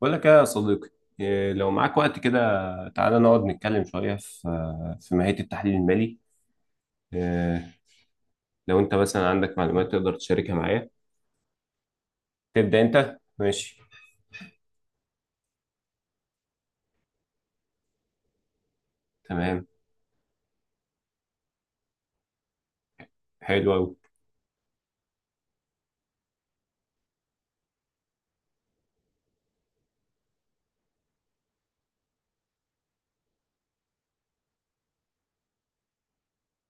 بقول لك إيه يا صديقي. إيه، لو معاك وقت كده تعالى نقعد نتكلم شوية في ماهية التحليل المالي. إيه، لو انت مثلا عندك معلومات تقدر تشاركها معايا تبدأ انت ماشي. تمام. حلو أوي.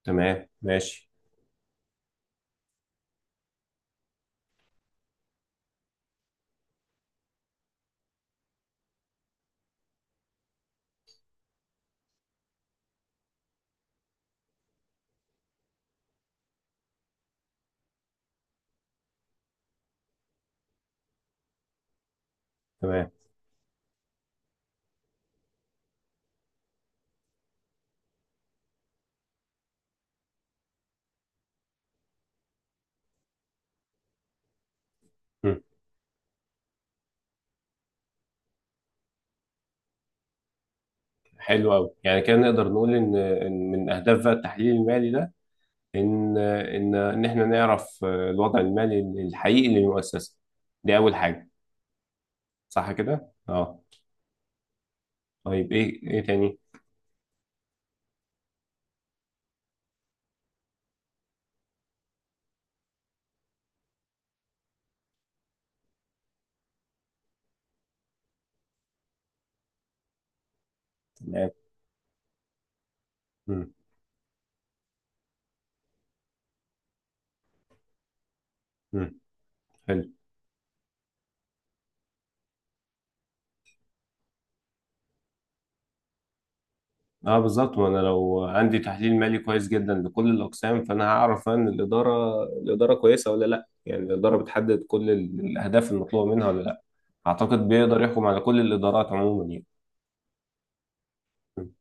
تمام ماشي. تمام. مم. حلو أوي، يعني كده نقدر نقول إن من أهداف بقى التحليل المالي ده إن إحنا نعرف الوضع المالي الحقيقي للمؤسسة. دي أول حاجة. صح كده؟ أه. طيب إيه تاني؟ تمام. مم. مم. حلو. اه بالظبط، ما انا لو عندي تحليل مالي كويس جدا لكل الاقسام فانا هعرف ان الاداره كويسه ولا لا. يعني الاداره بتحدد كل الاهداف المطلوبه منها ولا لا. اعتقد بيقدر يحكم على كل الادارات عموما يعني. م-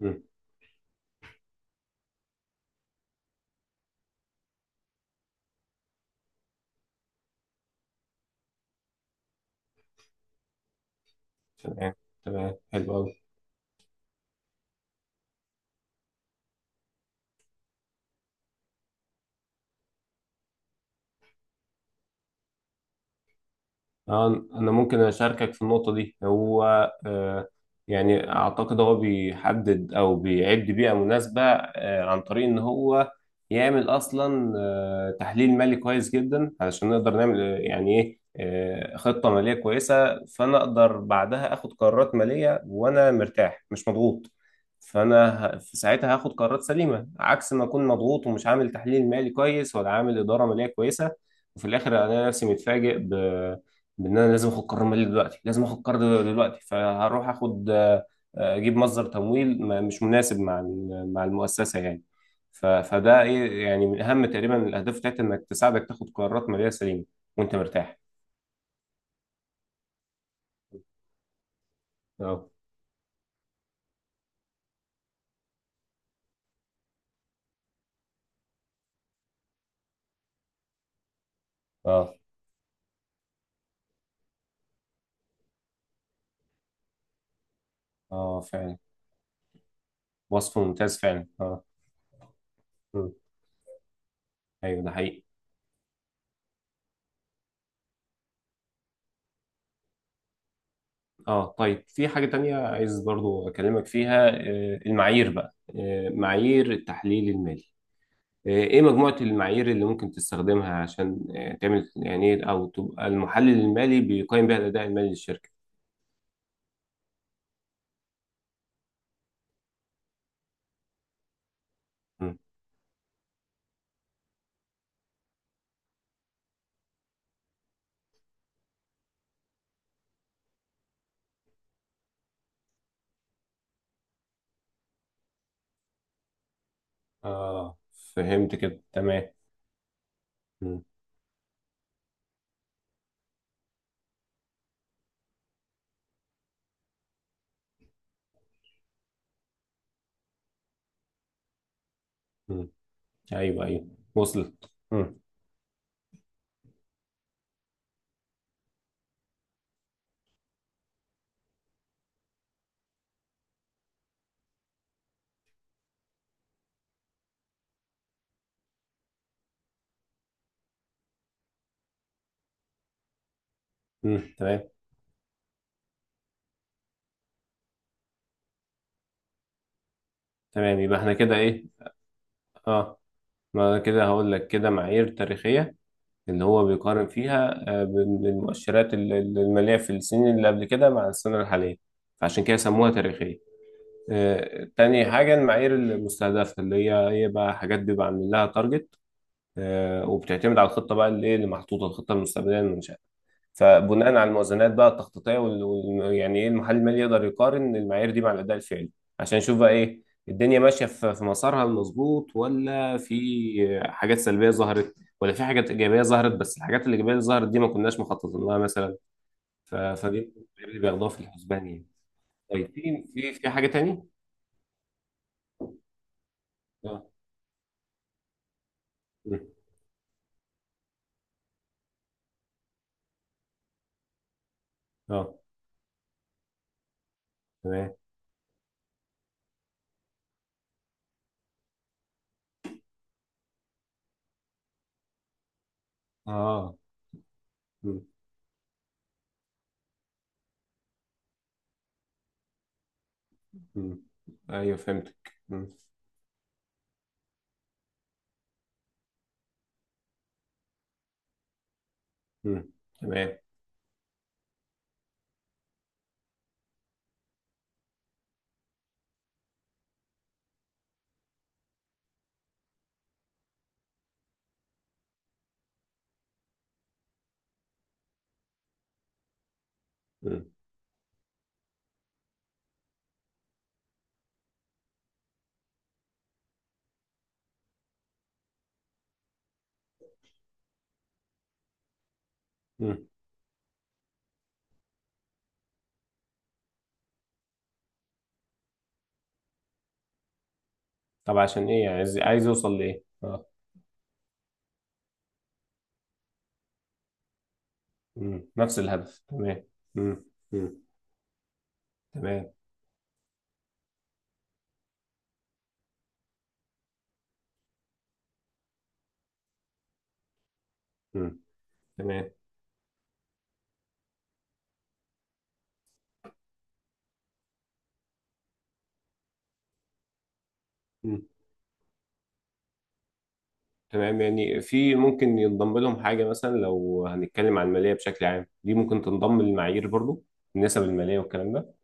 م. تمام. تمام. حلو قوي. أنا ممكن أشاركك في النقطة دي هو. آه، يعني أعتقد هو بيحدد أو بيعد بيئة مناسبة عن طريق إن هو يعمل أصلا تحليل مالي كويس جدا علشان نقدر نعمل يعني إيه خطة مالية كويسة، فأنا أقدر بعدها آخد قرارات مالية وأنا مرتاح مش مضغوط. فأنا في ساعتها هاخد قرارات سليمة عكس ما أكون مضغوط ومش عامل تحليل مالي كويس ولا عامل إدارة مالية كويسة. وفي الآخر ألاقي نفسي متفاجئ بان انا لازم اخد قرار مالي دلوقتي، لازم اخد قرار دلوقتي فهروح اخد اجيب مصدر تمويل مش مناسب مع مع المؤسسه يعني. فده ايه يعني، من اهم تقريبا الاهداف بتاعتها انك تساعدك تاخد قرارات ماليه سليمه وانت مرتاح. اه اه اه، فعلا. وصف ممتاز فعلا، اه. مم. ايوه ده حقيقي. اه طيب في حاجه تانية عايز برضو اكلمك فيها، المعايير بقى، معايير التحليل المالي. ايه مجموعة المعايير اللي ممكن تستخدمها عشان تعمل يعني ايه، او تبقى المحلل المالي بيقيم بيها الاداء المالي للشركة. مم. اه فهمت كده تمام. مم. مم. ايوه ايوه، وصلت. مم. مم. تمام. تمام يبقى احنا كده ايه. اه، ما أنا كده هقول لك كده معايير تاريخية، اللي هو بيقارن فيها بالمؤشرات المالية في السنين اللي قبل كده مع السنة الحالية، فعشان كده سموها تاريخية. تاني حاجة المعايير المستهدفة، اللي هي بقى حاجات بيبقى عاملين لها تارجت، وبتعتمد على الخطة بقى اللي إيه اللي محطوطة، الخطة المستقبلية للمنشأة. فبناء على الموازنات بقى التخطيطية يعني إيه المحلل المالي يقدر يقارن المعايير دي مع الأداء الفعلي، عشان يشوف بقى إيه الدنيا ماشية في مسارها المظبوط، ولا في حاجات سلبية ظهرت، ولا في حاجات إيجابية ظهرت بس الحاجات الإيجابية اللي ظهرت دي ما كناش مخططين لها مثلا. فدي المعايير اللي بياخدوها في الحسبان يعني. طيب في في حاجة تاني؟ اه اه، تمام اه. مم. مم. ايوه فهمتك. مم. مم. تمام. مم. مم. طب عشان ايه يعني، عايز اوصل لايه اه. مم. نفس الهدف، تمام. مم. مم. تمام. مم. تمام. مم. تمام يعني في ممكن ينضم لهم حاجة مثلا، لو هنتكلم عن المالية بشكل عام دي ممكن تنضم للمعايير برضو، النسب المالية والكلام ده.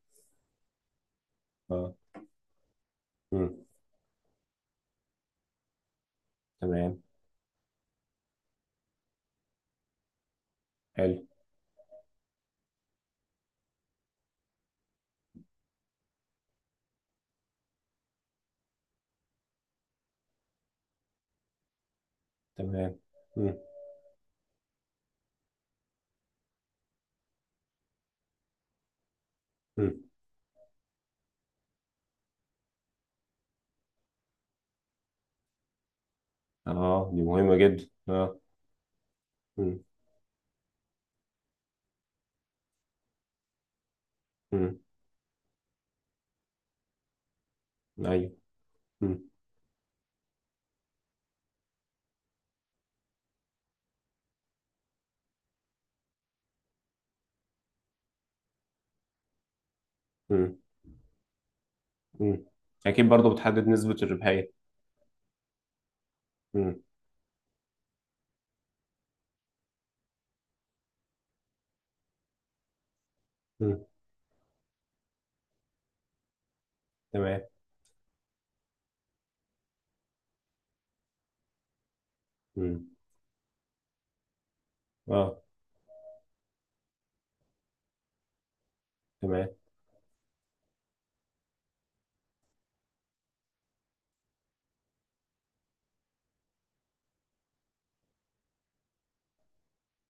اه. مم. تمام. حلو. تمام. مم. مم. اه دي مهمة جدا اه. مم. مم. ايوه. مم. مم. مم. اكيد برضو بتحدد نسبة الربحية. مم. مم. تمام. مم. اه. تمام.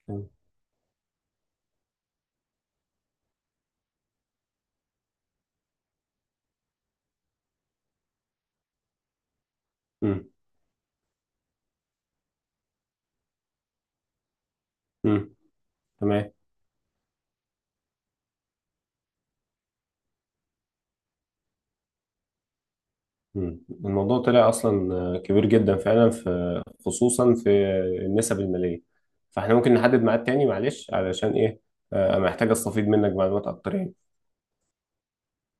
تمام. مم. مم. تمام. مم. الموضوع طلع اصلا كبير جدا فعلا، في خصوصا في النسب المالية، فاحنا ممكن نحدد ميعاد تاني معلش علشان ايه. محتاج استفيد منك معلومات اكتر يعني.